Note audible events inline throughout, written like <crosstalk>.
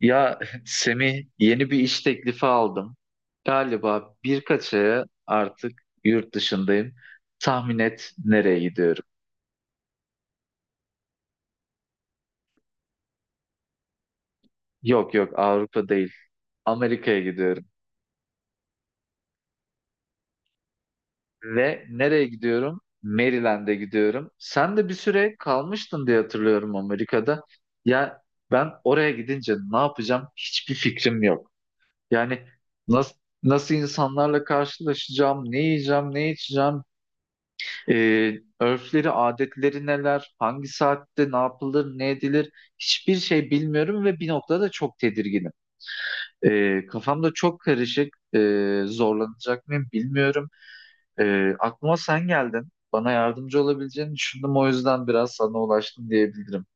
Ya <laughs> Semih yeni bir iş teklifi aldım. Galiba birkaç aya artık yurt dışındayım. Tahmin et nereye gidiyorum? Yok yok, Avrupa değil. Amerika'ya gidiyorum. Ve nereye gidiyorum? Maryland'e gidiyorum. Sen de bir süre kalmıştın diye hatırlıyorum Amerika'da. Ya ben oraya gidince ne yapacağım? Hiçbir fikrim yok. Yani nasıl nasıl insanlarla karşılaşacağım, ne yiyeceğim, ne içeceğim. Örfleri, adetleri neler, hangi saatte ne yapılır, ne edilir, hiçbir şey bilmiyorum ve bir noktada çok tedirginim. Kafamda çok karışık, zorlanacak mıyım bilmiyorum. Aklıma sen geldin, bana yardımcı olabileceğini düşündüm, o yüzden biraz sana ulaştım diyebilirim.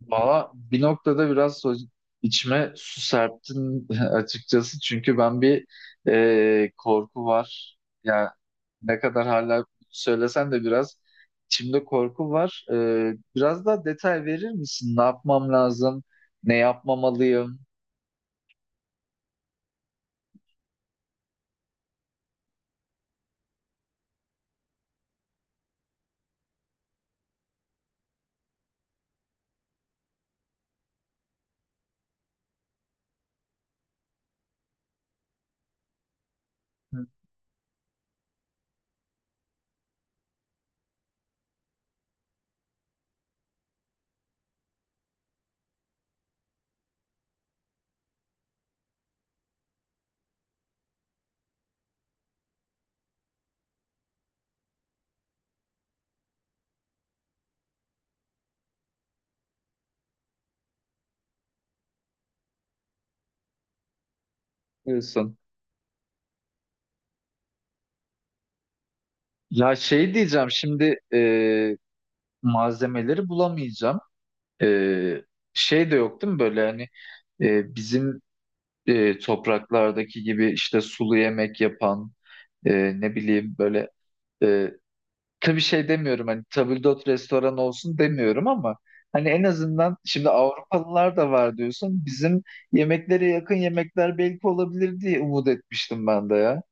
Valla bir noktada biraz içime su serptin <laughs> açıkçası. Çünkü ben bir korku var. Ya ne kadar hala söylesen de biraz içimde korku var. Biraz daha detay verir misin? Ne yapmam lazım? Ne yapmamalıyım? Hı. Diyorsun. Ya şey diyeceğim şimdi, malzemeleri bulamayacağım. E, Şey de yok değil mi, böyle hani bizim topraklardaki gibi, işte sulu yemek yapan, e, ne bileyim böyle, e, tabii şey demiyorum, hani tabldot restoran olsun demiyorum ama hani en azından şimdi Avrupalılar da var diyorsun, bizim yemeklere yakın yemekler belki olabilir diye umut etmiştim ben de ya.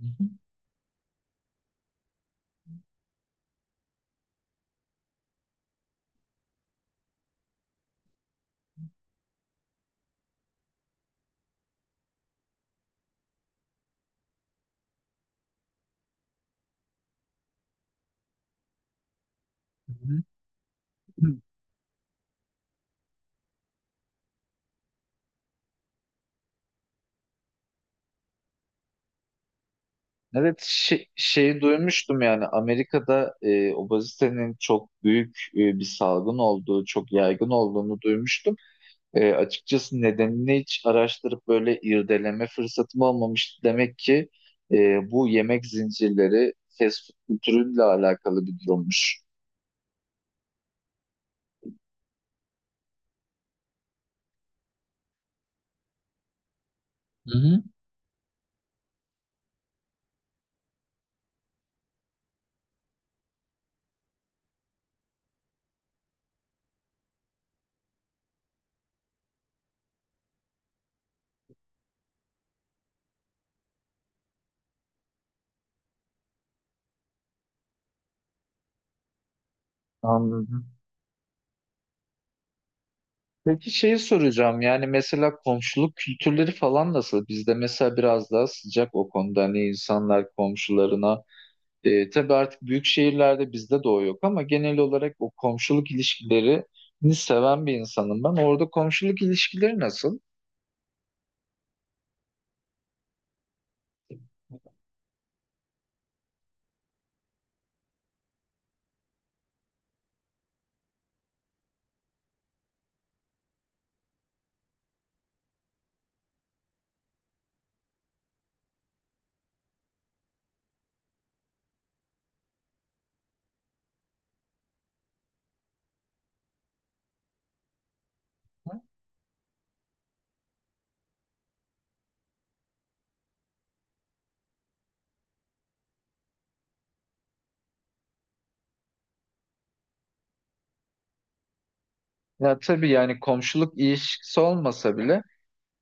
Hı hı, hı hı. Evet şey, şeyi duymuştum, yani Amerika'da obezitenin çok büyük bir salgın olduğu, çok yaygın olduğunu duymuştum. Açıkçası nedenini hiç araştırıp böyle irdeleme fırsatım olmamıştı. Demek ki e, bu yemek zincirleri fast food kültürüyle alakalı bir durummuş. Hı hı. Anladım. Peki şeyi soracağım, yani mesela komşuluk kültürleri falan nasıl? Bizde mesela biraz daha sıcak o konuda, hani insanlar komşularına, tabii artık büyük şehirlerde bizde de o yok ama genel olarak o komşuluk ilişkilerini seven bir insanım ben. Orada komşuluk ilişkileri nasıl? Ya tabii, yani komşuluk ilişkisi olmasa bile,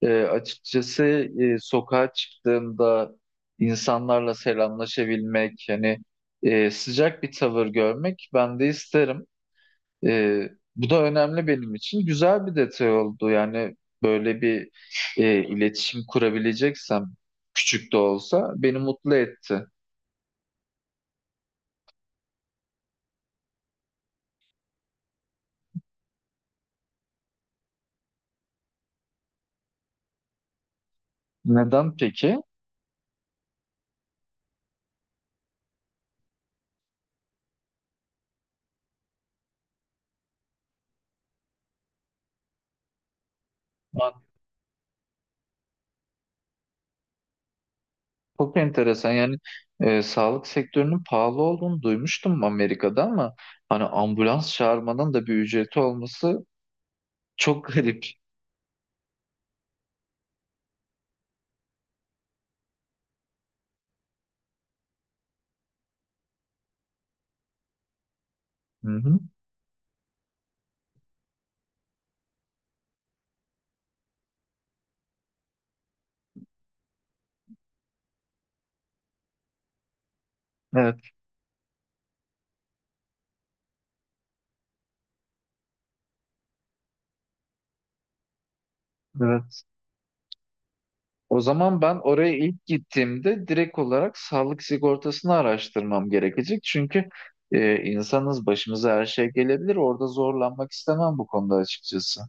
açıkçası, sokağa çıktığımda insanlarla selamlaşabilmek, hani sıcak bir tavır görmek ben de isterim. E, Bu da önemli benim için. Güzel bir detay oldu yani, böyle bir iletişim kurabileceksem, küçük de olsa beni mutlu etti. Neden peki? Çok enteresan yani, sağlık sektörünün pahalı olduğunu duymuştum Amerika'da ama hani ambulans çağırmanın da bir ücreti olması çok <laughs> garip. Hı hı. Evet, evet. O zaman ben oraya ilk gittiğimde direkt olarak sağlık sigortasını araştırmam gerekecek. Çünkü insanız, başımıza her şey gelebilir. Orada zorlanmak istemem bu konuda açıkçası.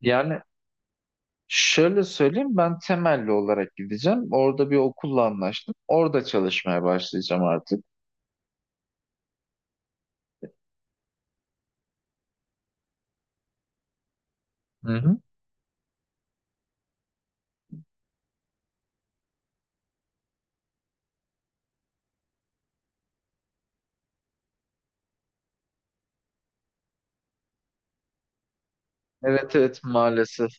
Yani şöyle söyleyeyim, ben temelli olarak gideceğim. Orada bir okulla anlaştım. Orada çalışmaya başlayacağım artık. Hı hı. Evet evet, maalesef.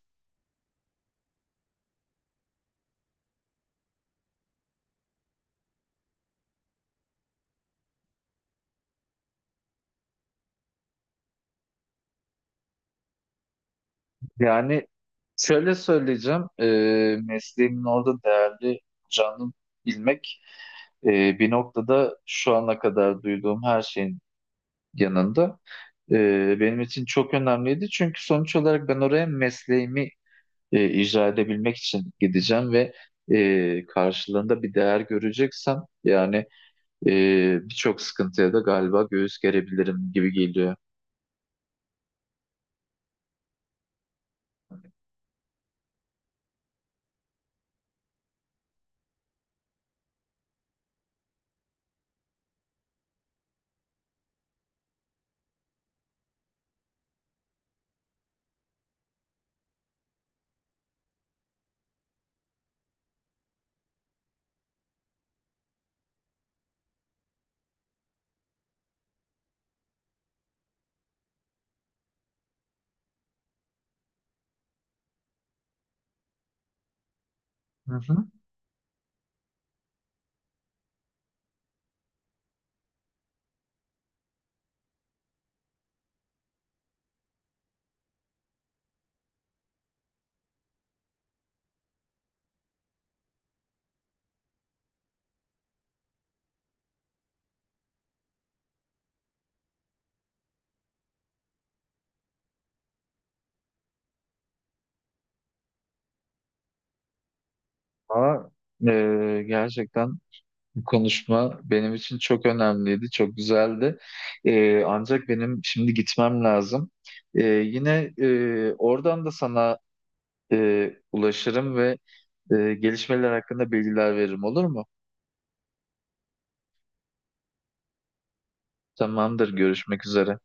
Yani şöyle söyleyeceğim. Mesleğimin orada değerli canını bilmek, bir noktada şu ana kadar duyduğum her şeyin yanında, benim için çok önemliydi. Çünkü sonuç olarak ben oraya mesleğimi icra edebilmek için gideceğim ve karşılığında bir değer göreceksem, yani birçok sıkıntıya da galiba göğüs gerebilirim gibi geliyor. Hı hı. Ama gerçekten konuşma benim için çok önemliydi, çok güzeldi. Ancak benim şimdi gitmem lazım. Yine oradan da sana ulaşırım ve gelişmeler hakkında bilgiler veririm, olur mu? Tamamdır, görüşmek üzere.